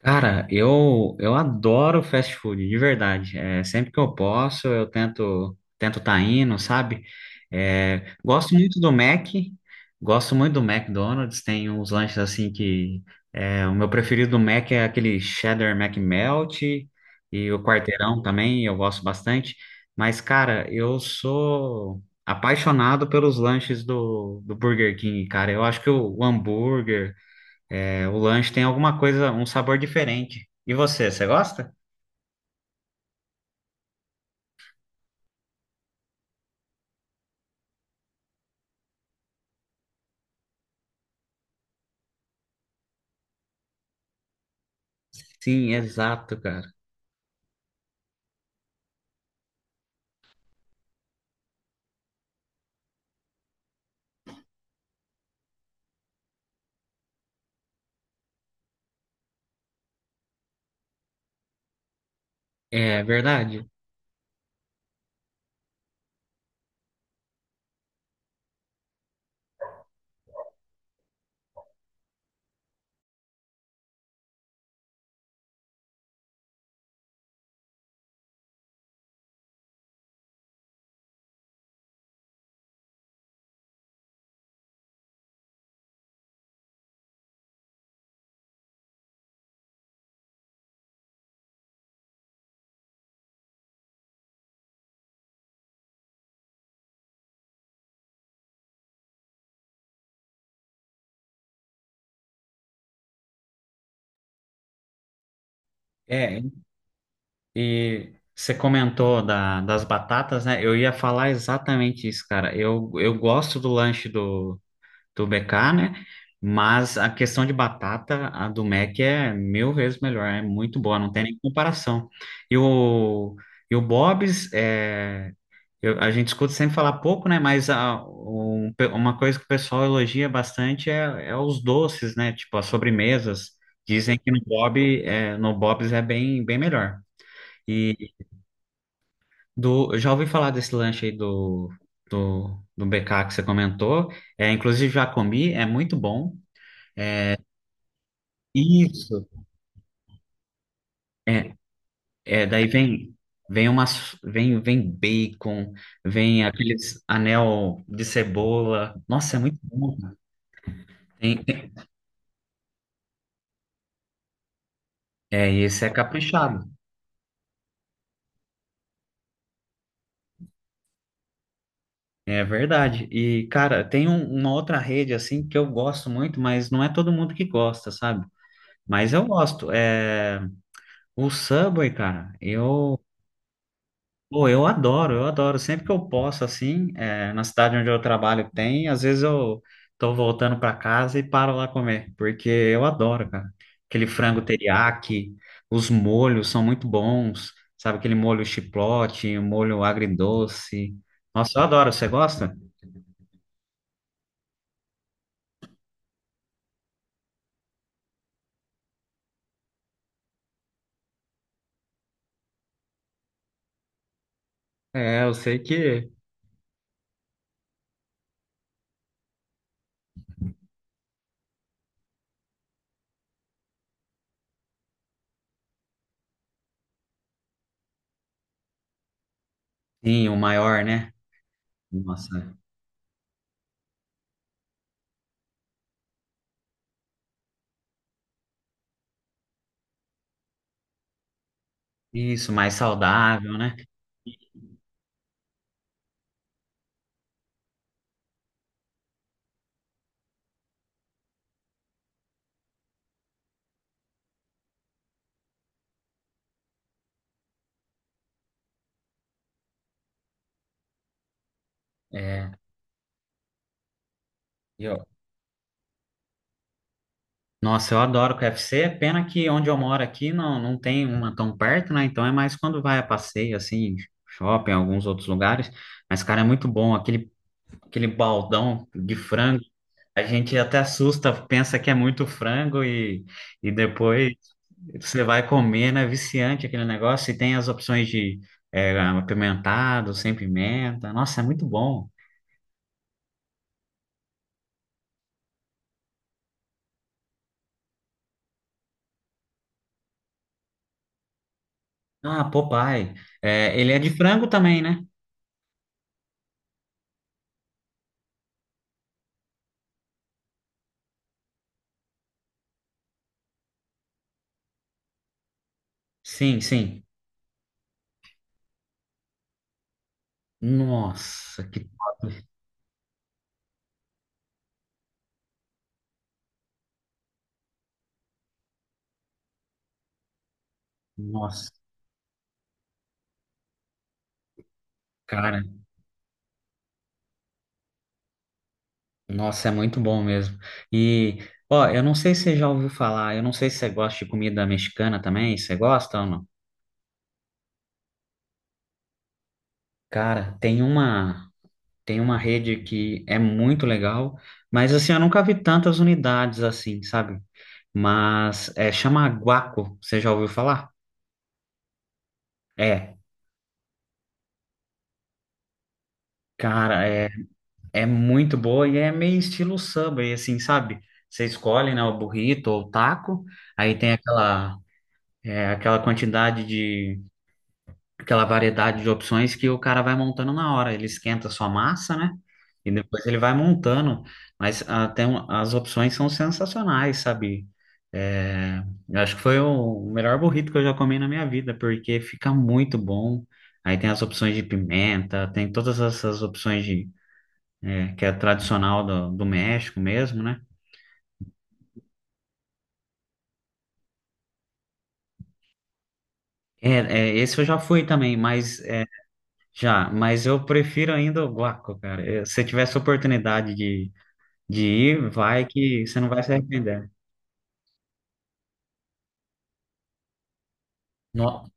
Cara, eu adoro fast food, de verdade. Sempre que eu posso, eu tento tá indo, sabe? Gosto muito do Mac, gosto muito do McDonald's. Tem uns lanches assim que o meu preferido do Mac é aquele cheddar McMelt e o quarteirão também, eu gosto bastante. Mas, cara, eu sou apaixonado pelos lanches do Burger King, cara. Eu acho que o hambúrguer. O lanche tem alguma coisa, um sabor diferente. E você gosta? Sim, exato, cara. É verdade. É, e você comentou das batatas, né? Eu ia falar exatamente isso, cara. Eu gosto do lanche do BK, né? Mas a questão de batata, a do Mac é mil vezes melhor. É muito boa, não tem nem comparação. E o, e o Bob's. A gente escuta sempre falar pouco, né? Mas uma coisa que o pessoal elogia bastante é os doces, né? Tipo, as sobremesas. Dizem que no Bob's é bem, bem melhor. E eu já ouvi falar desse lanche aí do BK que você comentou. Inclusive, já comi, é muito bom. Isso. É, Daí vem umas vem bacon, vem aqueles anel de cebola. Nossa, é muito bom. Tem, Esse é caprichado. É verdade. E, cara, tem uma outra rede, assim, que eu gosto muito, mas não é todo mundo que gosta, sabe? Mas eu gosto. O Subway, cara, eu Pô, eu adoro, eu adoro. Sempre que eu posso, assim, na cidade onde eu trabalho tem, às vezes eu tô voltando para casa e paro lá comer, porque eu adoro, cara. Aquele frango teriyaki, os molhos são muito bons, sabe? Aquele molho chipotle, o molho agridoce. Nossa, eu adoro. Você gosta? É, eu sei que. Sim, o maior, né? Nossa, isso, mais saudável, né? É, e eu Nossa, eu adoro o KFC, pena que onde eu moro aqui não tem uma tão perto, né? Então é mais quando vai a passeio, assim, shopping, alguns outros lugares. Mas, cara, é muito bom, aquele baldão de frango. A gente até assusta, pensa que é muito frango e depois você vai comer, né? É viciante aquele negócio. E tem as opções de apimentado, sem pimenta. Nossa, é muito bom. Ah, Popeye. É, ele é de frango também, né? Sim, sim. Nossa, que top. Nossa, cara, nossa, é muito bom mesmo. E, ó, eu não sei se você já ouviu falar, eu não sei se você gosta de comida mexicana também, você gosta ou não? Cara, tem uma rede que é muito legal, mas assim, eu nunca vi tantas unidades assim, sabe? Mas chama Guaco, você já ouviu falar? É, Cara, é muito boa e é meio estilo Subway, assim, sabe? Você escolhe, né, o burrito ou o taco, aí tem aquela, é, aquela quantidade de aquela variedade de opções que o cara vai montando na hora. Ele esquenta sua massa, né? E depois ele vai montando. Mas tem as opções são sensacionais, sabe? É, eu acho que foi o melhor burrito que eu já comi na minha vida, porque fica muito bom. Aí tem as opções de pimenta, tem todas essas opções que é tradicional do México mesmo, né? É, Esse eu já fui também, mas eu prefiro ainda o guaco, cara. Se eu tivesse oportunidade de ir, vai que você não vai se arrepender. No-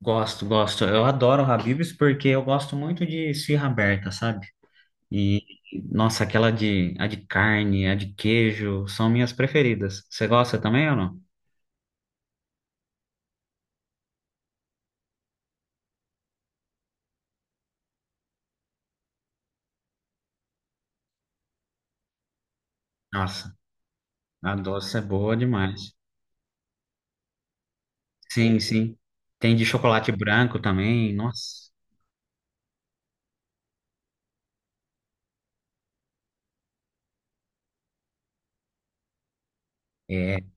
Gosto, gosto. Eu adoro Habib's porque eu gosto muito de esfirra aberta, sabe? E, nossa, a de carne, a de queijo, são minhas preferidas. Você gosta também ou não? Nossa, a doce é boa demais. Sim, sim. Tem de chocolate branco também, nossa. é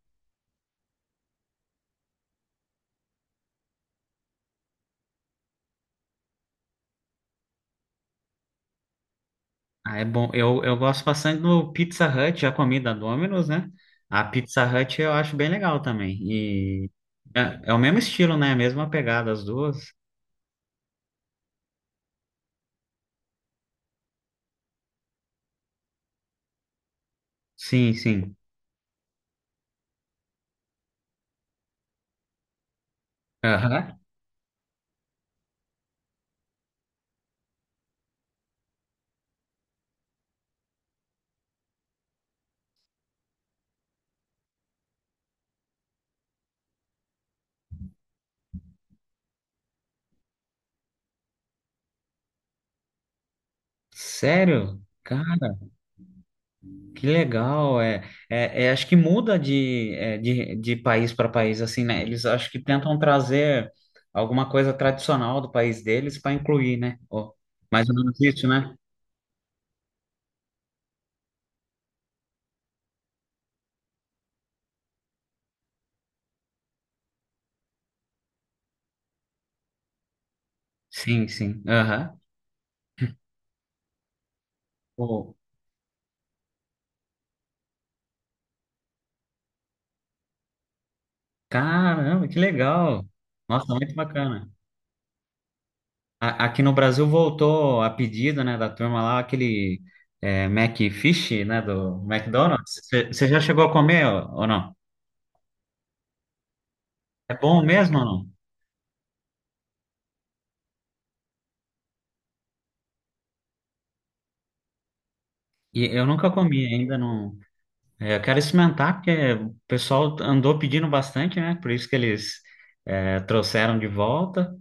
Ah, é bom. Eu gosto bastante do Pizza Hut, a comida Domino's, né? A Pizza Hut eu acho bem legal também. É o mesmo estilo, né? A mesma pegada, as duas. Sim, sim. Aham. Sério? Cara, que legal. Acho que muda de país para país, assim, né? Eles acho que tentam trazer alguma coisa tradicional do país deles para incluir, né? Ó, mais ou menos isso, né? Sim, sim. Aham. Pô, caramba, que legal! Nossa, muito bacana. Aqui no Brasil voltou a pedido, né, da turma lá, aquele McFish, né, do McDonald's. Você já chegou a comer ou não? É bom mesmo ou não? E eu nunca comi, ainda não. É, eu quero experimentar, porque o pessoal andou pedindo bastante, né, por isso que eles trouxeram de volta,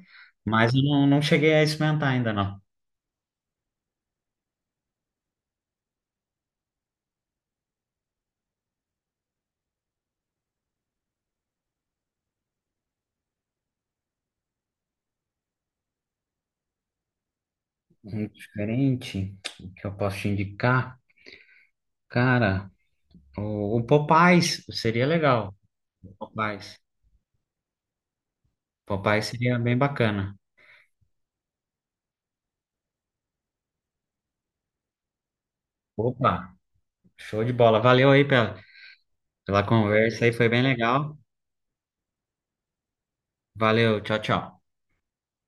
mas eu não cheguei a experimentar ainda, não. Um diferente, que eu posso te indicar, cara. O Popeyes seria legal. O Popeyes. Popeyes seria bem bacana. Opa, show de bola. Valeu aí pela conversa aí, foi bem legal. Valeu, tchau, tchau.